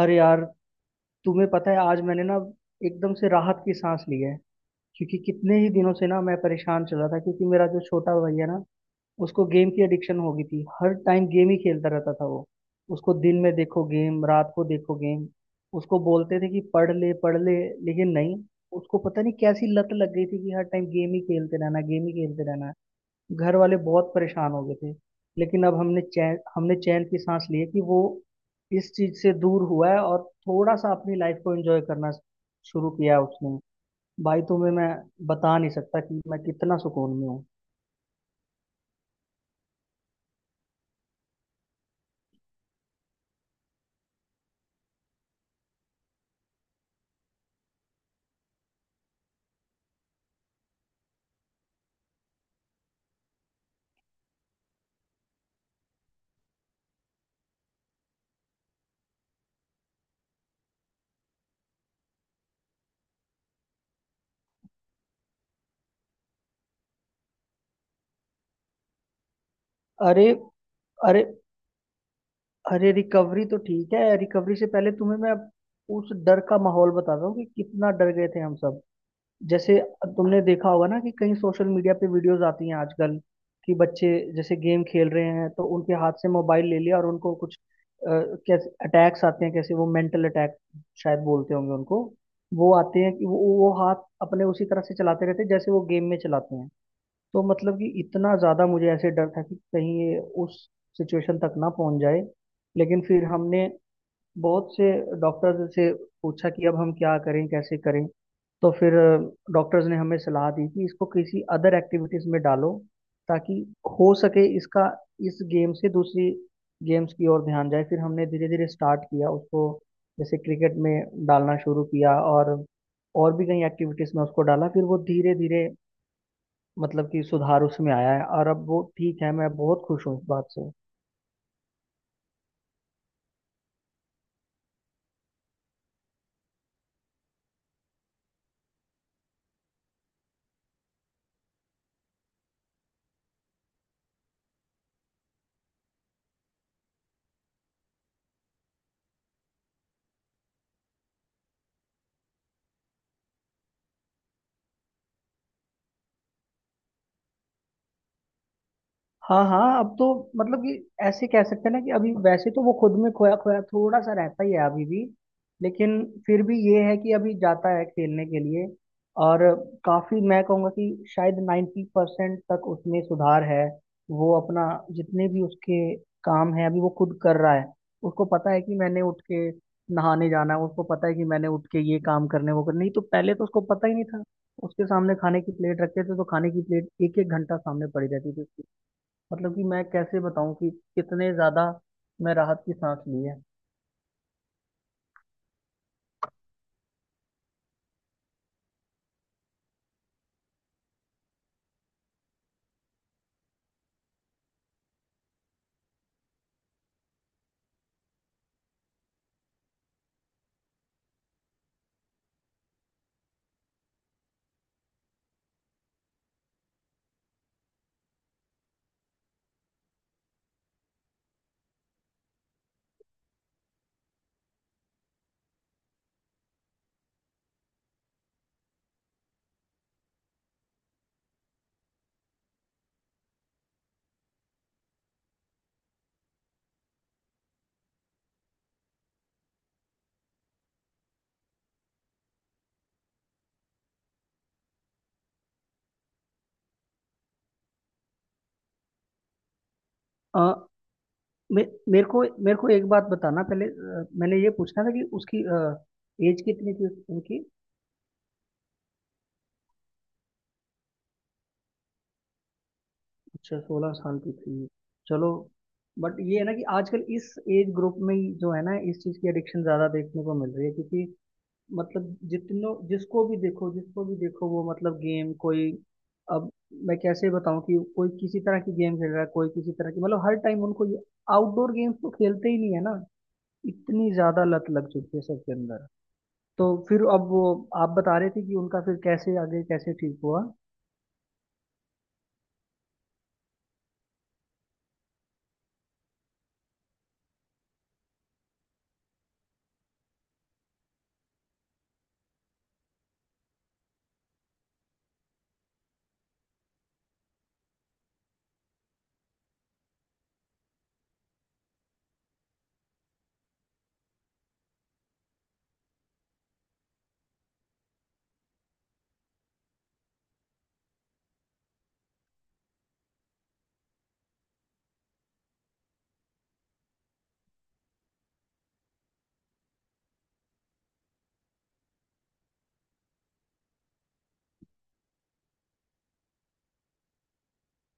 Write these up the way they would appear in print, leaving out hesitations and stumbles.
अरे यार। तुम्हें पता है, आज मैंने ना एकदम से राहत की सांस ली है, क्योंकि कितने ही दिनों से ना मैं परेशान चल रहा था। क्योंकि मेरा जो छोटा भाई है ना, उसको गेम की एडिक्शन हो गई थी। हर टाइम गेम ही खेलता रहता था वो। उसको दिन में देखो गेम, रात को देखो गेम। उसको बोलते थे कि पढ़ ले पढ़ ले, लेकिन नहीं। उसको पता नहीं कैसी लत लग गई थी कि हर टाइम गेम ही खेलते रहना गेम ही खेलते रहना। घर वाले बहुत परेशान हो गए थे। लेकिन अब हमने चैन की सांस ली है कि वो इस चीज से दूर हुआ है और थोड़ा सा अपनी लाइफ को एंजॉय करना शुरू किया है उसने। भाई तुम्हें मैं बता नहीं सकता कि मैं कितना सुकून में हूँ। अरे अरे अरे, रिकवरी तो ठीक है। रिकवरी से पहले तुम्हें मैं उस डर का माहौल बताता हूँ कि कितना डर गए थे हम सब। जैसे तुमने देखा होगा ना कि कई सोशल मीडिया पे वीडियोस आती हैं आजकल कि बच्चे जैसे गेम खेल रहे हैं तो उनके हाथ से मोबाइल ले लिया और उनको कुछ अ, कैसे अटैक्स आते हैं, कैसे वो मेंटल अटैक शायद बोलते होंगे उनको, वो आते हैं कि वो हाथ अपने उसी तरह से चलाते रहते हैं जैसे वो गेम में चलाते हैं। तो मतलब कि इतना ज़्यादा मुझे ऐसे डर था कि कहीं ये उस सिचुएशन तक ना पहुंच जाए। लेकिन फिर हमने बहुत से डॉक्टर्स से पूछा कि अब हम क्या करें, कैसे करें। तो फिर डॉक्टर्स ने हमें सलाह दी कि इसको किसी अदर एक्टिविटीज में डालो, ताकि हो सके इसका इस गेम से दूसरी गेम्स की ओर ध्यान जाए। फिर हमने धीरे धीरे स्टार्ट किया उसको, जैसे क्रिकेट में डालना शुरू किया, और भी कई एक्टिविटीज में उसको डाला। फिर वो धीरे धीरे, मतलब कि, सुधार उसमें आया है और अब वो ठीक है। मैं बहुत खुश हूँ इस बात से। हाँ हाँ, अब तो मतलब कि ऐसे कह सकते हैं ना कि अभी वैसे तो वो खुद में खोया खोया थोड़ा सा रहता ही है अभी भी। लेकिन फिर भी ये है कि अभी जाता है खेलने के लिए। और काफी, मैं कहूँगा कि शायद 90% तक उसमें सुधार है। वो अपना, जितने भी उसके काम है अभी वो खुद कर रहा है। उसको पता है कि मैंने उठ के नहाने जाना है। उसको पता है कि मैंने उठ के ये काम करने, वो करने, नहीं तो पहले तो उसको पता ही नहीं था। उसके सामने खाने की प्लेट रखते थे तो खाने की प्लेट एक एक घंटा सामने पड़ी रहती थी। मतलब कि मैं कैसे बताऊं कि कितने ज्यादा मैं राहत की सांस ली है। आ, मे, मेरे को एक बात बताना पहले। मैंने ये पूछना था कि उसकी एज कितनी थी उनकी। अच्छा, 16 साल की थी। चलो। बट ये है ना कि आजकल इस एज ग्रुप में ही जो है ना, इस चीज़ की एडिक्शन ज़्यादा देखने को मिल रही है। क्योंकि मतलब, जितनों जिसको भी देखो जिसको भी देखो, वो मतलब गेम, कोई, अब मैं कैसे बताऊं कि कोई किसी तरह की गेम खेल रहा है, कोई किसी तरह की, मतलब हर टाइम उनको ये, आउटडोर गेम्स तो खेलते ही नहीं है ना। इतनी ज्यादा लत लग चुकी है सबके अंदर। तो फिर अब वो, आप बता रहे थे कि उनका फिर कैसे आगे कैसे ठीक हुआ।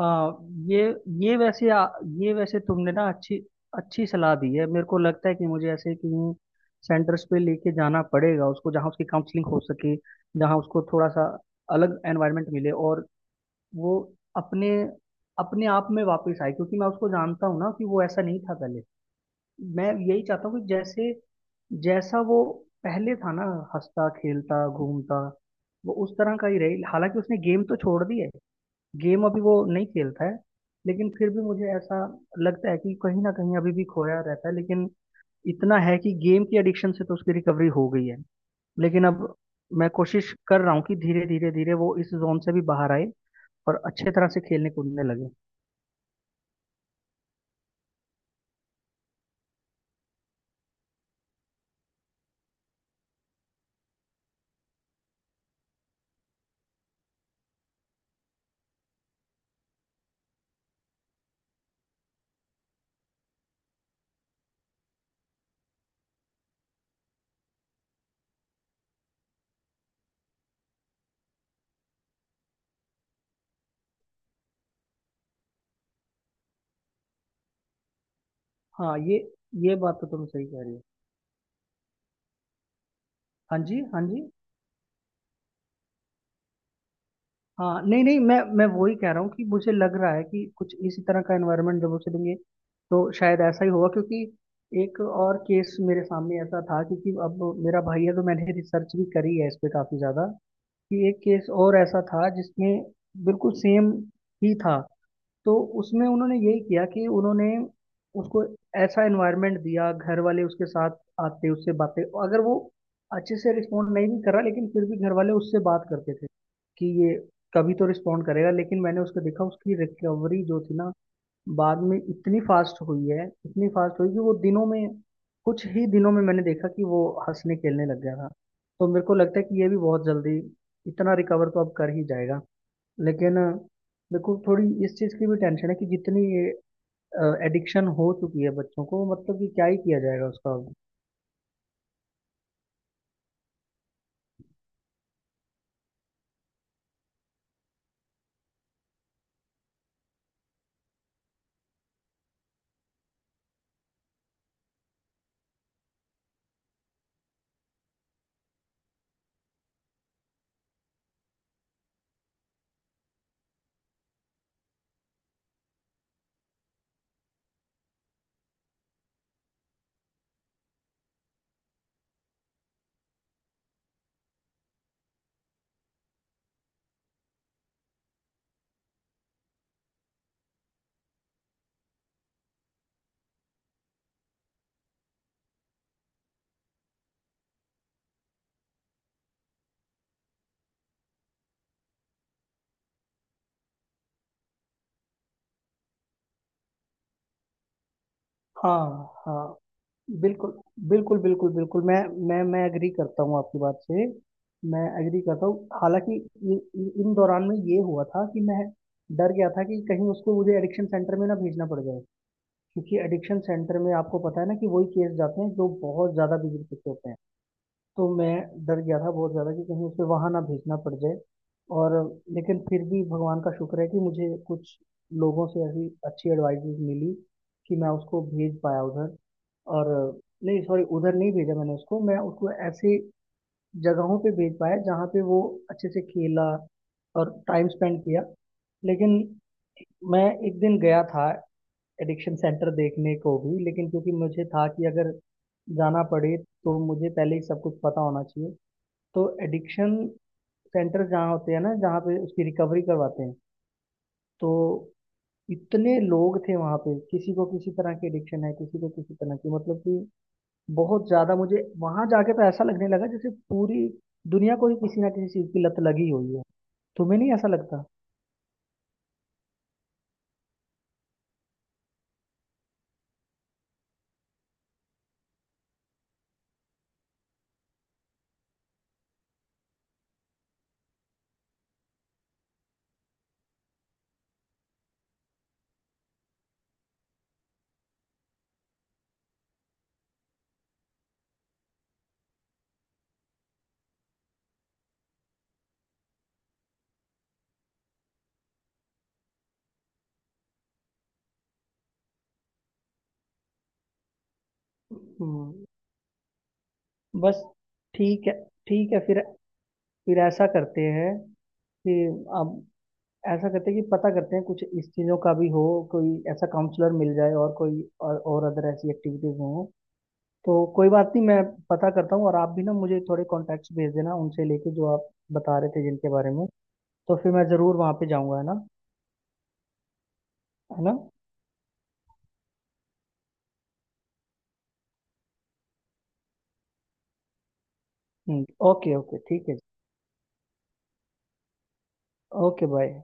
हाँ, ये ये वैसे आ, ये वैसे तुमने ना अच्छी अच्छी सलाह दी है। मेरे को लगता है कि मुझे ऐसे कहीं सेंटर्स पे लेके जाना पड़ेगा उसको, जहाँ उसकी काउंसलिंग हो सके, जहाँ उसको थोड़ा सा अलग एनवायरनमेंट मिले और वो अपने अपने आप में वापस आए। क्योंकि मैं उसको जानता हूँ ना कि वो ऐसा नहीं था पहले। मैं यही चाहता हूँ कि जैसे, जैसा वो पहले था ना, हंसता खेलता घूमता, वो उस तरह का ही रहे। हालांकि उसने गेम तो छोड़ दी है, गेम अभी वो नहीं खेलता है। लेकिन फिर भी मुझे ऐसा लगता है कि कहीं ना कहीं अभी भी खोया रहता है। लेकिन इतना है कि गेम की एडिक्शन से तो उसकी रिकवरी हो गई है। लेकिन अब मैं कोशिश कर रहा हूँ कि धीरे धीरे धीरे वो इस जोन से भी बाहर आए और अच्छे तरह से खेलने कूदने लगे। हाँ, ये बात तो तुम सही कह रही हो। हाँ जी हाँ जी। हाँ, नहीं नहीं, मैं वही कह रहा हूँ कि मुझे लग रहा है कि कुछ इसी तरह का एनवायरनमेंट जब उसे देंगे तो शायद ऐसा ही होगा। क्योंकि एक और केस मेरे सामने ऐसा था। क्योंकि अब मेरा भाई है तो मैंने रिसर्च भी करी है इस पे काफ़ी ज़्यादा, कि एक केस और ऐसा था जिसमें बिल्कुल सेम ही था। तो उसमें उन्होंने यही किया कि उन्होंने उसको ऐसा एनवायरनमेंट दिया, घर वाले उसके साथ आते, उससे बातें, अगर वो अच्छे से रिस्पॉन्ड नहीं भी कर रहा लेकिन फिर भी घर वाले उससे बात करते थे कि ये कभी तो रिस्पॉन्ड करेगा। लेकिन मैंने उसको देखा, उसकी रिकवरी जो थी ना बाद में इतनी फास्ट हुई है, इतनी फास्ट हुई कि वो दिनों में, कुछ ही दिनों में मैंने देखा कि वो हंसने खेलने लग गया था। तो मेरे को लगता है कि ये भी बहुत जल्दी इतना रिकवर तो अब कर ही जाएगा। लेकिन देखो, थोड़ी इस चीज़ की भी टेंशन है कि जितनी एडिक्शन हो चुकी है बच्चों को, मतलब कि क्या ही किया जाएगा उसका अब। हाँ हाँ, बिल्कुल बिल्कुल बिल्कुल बिल्कुल। मैं एग्री करता हूँ आपकी बात से। मैं एग्री करता हूँ। हालांकि इन दौरान में ये हुआ था कि मैं डर गया था कि कहीं उसको मुझे एडिक्शन सेंटर में ना भेजना पड़ जाए। क्योंकि एडिक्शन सेंटर में आपको पता है ना कि वही केस जाते हैं जो बहुत ज़्यादा बिगड़ चुके होते हैं। तो मैं डर गया था बहुत ज़्यादा कि कहीं उसे वहाँ ना भेजना पड़ जाए। और लेकिन फिर भी भगवान का शुक्र है कि मुझे कुछ लोगों से ऐसी अच्छी एडवाइजेज मिली कि मैं उसको भेज पाया उधर। और नहीं सॉरी, उधर नहीं भेजा मैंने उसको। मैं उसको ऐसी जगहों पे भेज पाया जहाँ पे वो अच्छे से खेला और टाइम स्पेंड किया। लेकिन मैं एक दिन गया था एडिक्शन सेंटर देखने को भी। लेकिन क्योंकि मुझे था कि अगर जाना पड़े तो मुझे पहले ही सब कुछ पता होना चाहिए। तो एडिक्शन सेंटर जहाँ होते हैं ना, जहाँ पे उसकी रिकवरी करवाते हैं, तो इतने लोग थे वहाँ पे, किसी को किसी तरह की एडिक्शन है, किसी को किसी तरह की, मतलब कि बहुत ज्यादा। मुझे वहां जाके तो ऐसा लगने लगा जैसे पूरी दुनिया को ही किसी ना किसी चीज की लत लगी हुई है। तुम्हें नहीं ऐसा लगता? हम्म। बस। ठीक है ठीक है। फिर ऐसा करते हैं कि, अब ऐसा करते हैं कि पता करते हैं कुछ इस चीज़ों का भी हो, कोई ऐसा काउंसलर मिल जाए और कोई और अदर ऐसी एक्टिविटीज हो। तो कोई बात नहीं, मैं पता करता हूँ। और आप भी ना मुझे थोड़े कॉन्टैक्ट्स भेज देना उनसे लेके जो आप बता रहे थे जिनके बारे में। तो फिर मैं ज़रूर वहाँ पे जाऊँगा, है ना? है ना? ओके ओके, ठीक है। Okay bye.